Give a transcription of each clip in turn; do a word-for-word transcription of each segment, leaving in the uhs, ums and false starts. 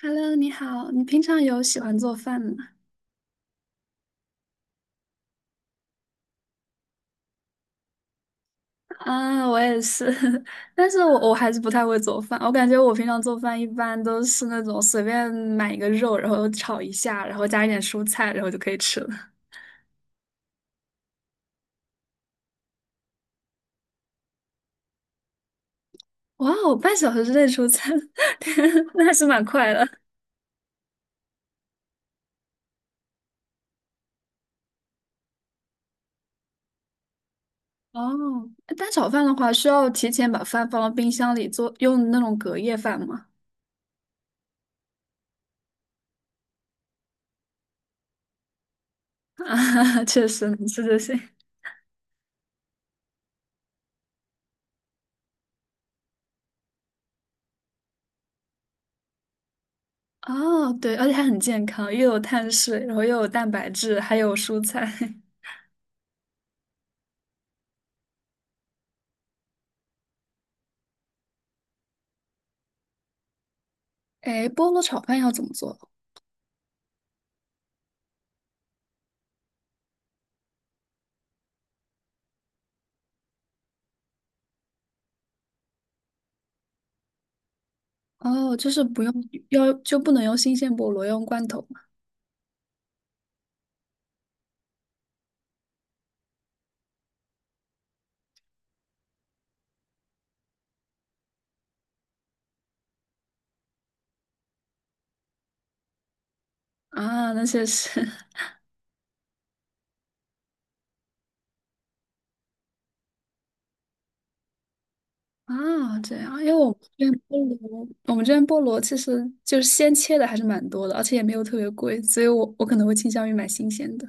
Hello，你好，你平常有喜欢做饭吗？啊，我也是，但是我我还是不太会做饭。我感觉我平常做饭一般都是那种随便买一个肉，然后炒一下，然后加一点蔬菜，然后就可以吃了。哇哦，半小时之内出餐，天，那还是蛮快的。哦，蛋炒饭的话，需要提前把饭放到冰箱里做，用那种隔夜饭吗？啊，确实能吃就行。哦，对，而且还很健康，又有碳水，然后又有蛋白质，还有蔬菜。哎，菠萝炒饭要怎么做？哦，就是不用，要就不能用新鲜菠萝，要用罐头嘛？啊，那些是 啊，这样，因为我们这边菠萝，我们这边菠萝其实就是鲜切的还是蛮多的，而且也没有特别贵，所以我我可能会倾向于买新鲜的。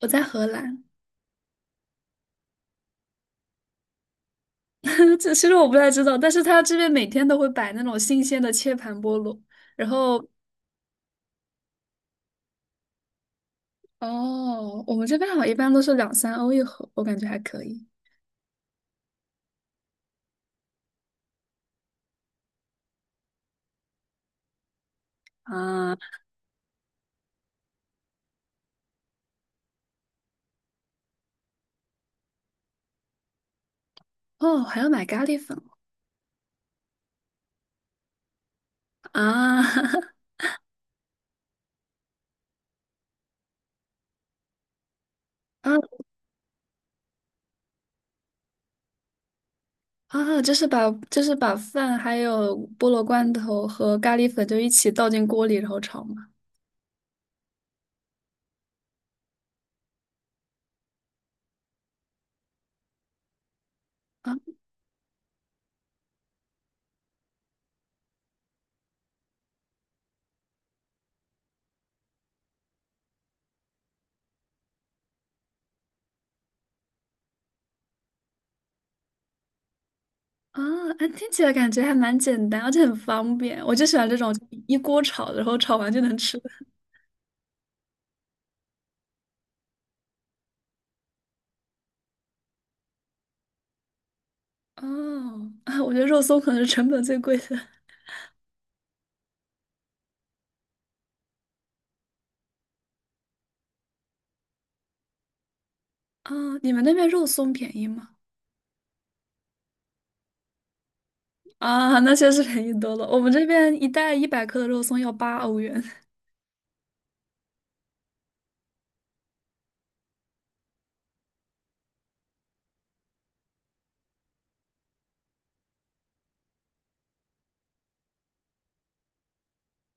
我在荷兰，这其实我不太知道，但是他这边每天都会摆那种新鲜的切盘菠萝，然后哦，我们这边好像一般都是两三欧一盒，我感觉还可以啊。哦，还要买咖喱粉。啊 啊啊！就是把就是把饭还有菠萝罐头和咖喱粉就一起倒进锅里然后炒嘛。啊啊！哎，听起来感觉还蛮简单，而且很方便。我就喜欢这种一锅炒，然后炒完就能吃的。哦，啊，我觉得肉松可能是成本最贵的。啊，你们那边肉松便宜吗？啊，那确实便宜多了。我们这边一袋一百克的肉松要八欧元。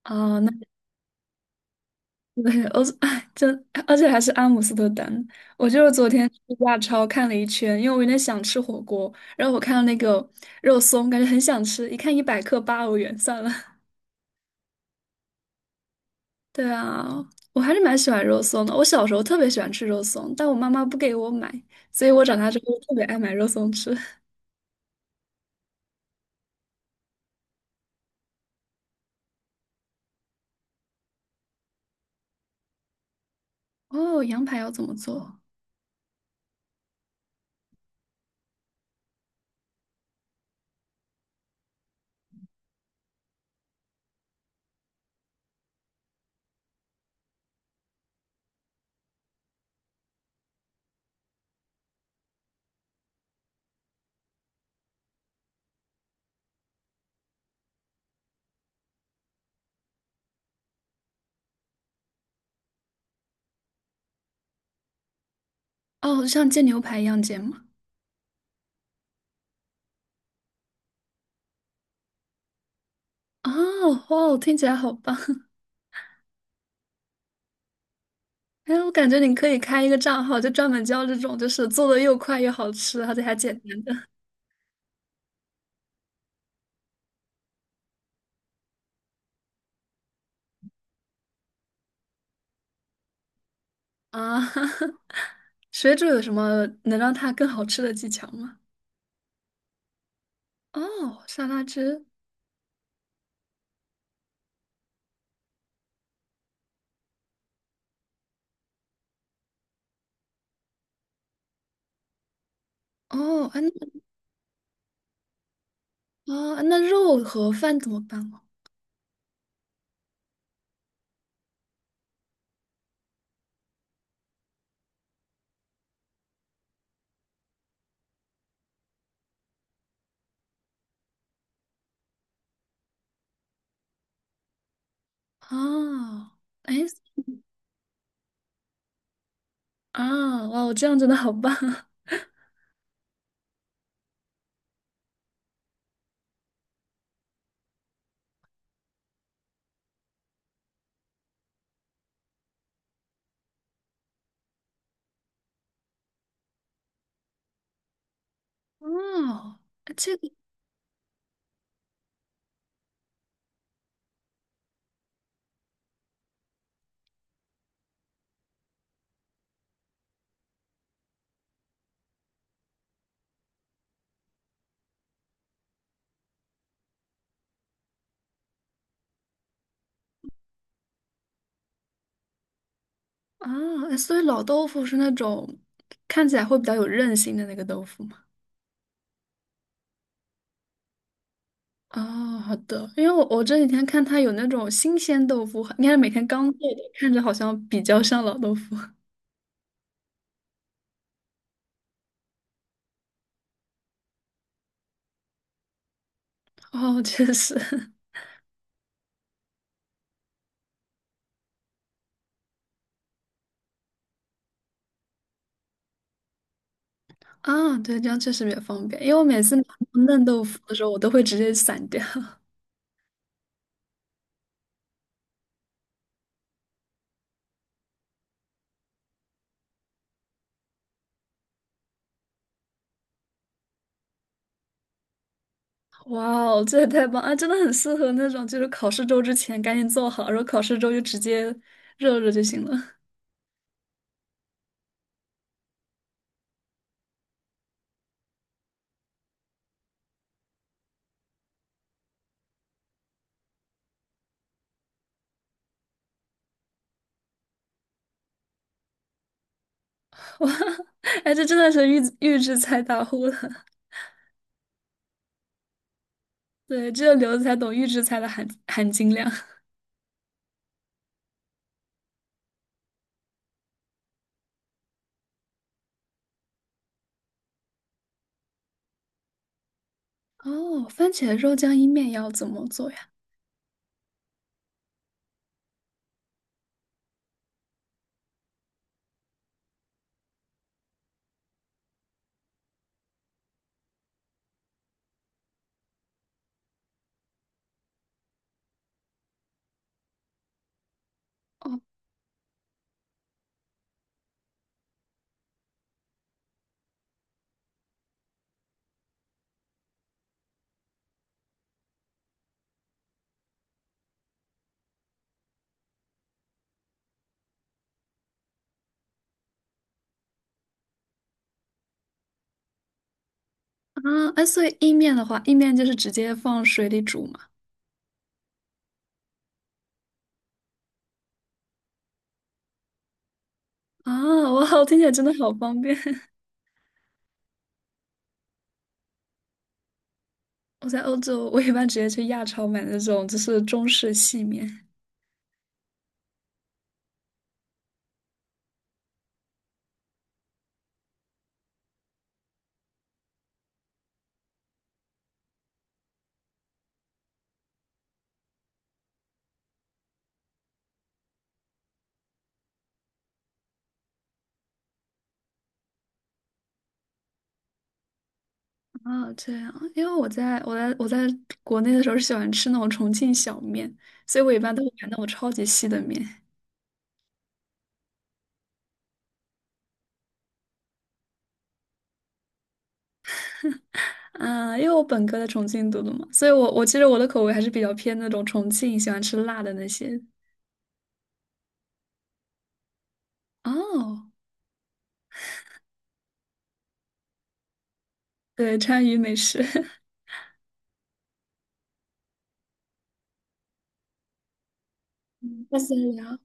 啊。那。对，我哎，真，而且还是阿姆斯特丹。我就是昨天去亚超看了一圈，因为我有点想吃火锅，然后我看到那个肉松，感觉很想吃，一看一百克八欧元，算了。对啊，我还是蛮喜欢肉松的。我小时候特别喜欢吃肉松，但我妈妈不给我买，所以我长大之后特别爱买肉松吃。哦，羊排要怎么做？哦，像煎牛排一样煎吗？哦，哦，听起来好棒！哎，我感觉你可以开一个账号，就专门教这种，就是做的又快又好吃，而且还简单的啊。水煮有什么能让它更好吃的技巧吗？哦，沙拉汁。哦，哎，那哦，那肉和饭怎么办哦？哦，哎，啊，哇，我这样真的好棒啊！哦，哎这个啊，哎所以老豆腐是那种看起来会比较有韧性的那个豆腐吗。哦，好的，因为我我这几天看它有那种新鲜豆腐，应该是每天刚做的，看着好像比较像老豆腐。哦，确实，啊，对，这样确实比较方便，因为我每次拿到嫩豆腐的时候，我都会直接散掉。哇哦，这也太棒啊！真的很适合那种就是考试周之前赶紧做好，然后考试周就直接热热就行了。哎，这真的是预预制菜大户了。对，只有刘子才懂预制菜的含含金量。哦，番茄肉酱意面要怎么做呀？哦。啊，哎，所以意面的话，意面就是直接放水里煮嘛。啊，哇，我听起来真的好方便。我在欧洲，我一般直接去亚超买那种就是中式细面。啊，这样，因为我在我在我在国内的时候是喜欢吃那种重庆小面，所以我一般都会买那种超级细的面。啊，因为我本科在重庆读的嘛，所以我我其实我的口味还是比较偏那种重庆喜欢吃辣的那些。哦，对，川渝美食。下次聊。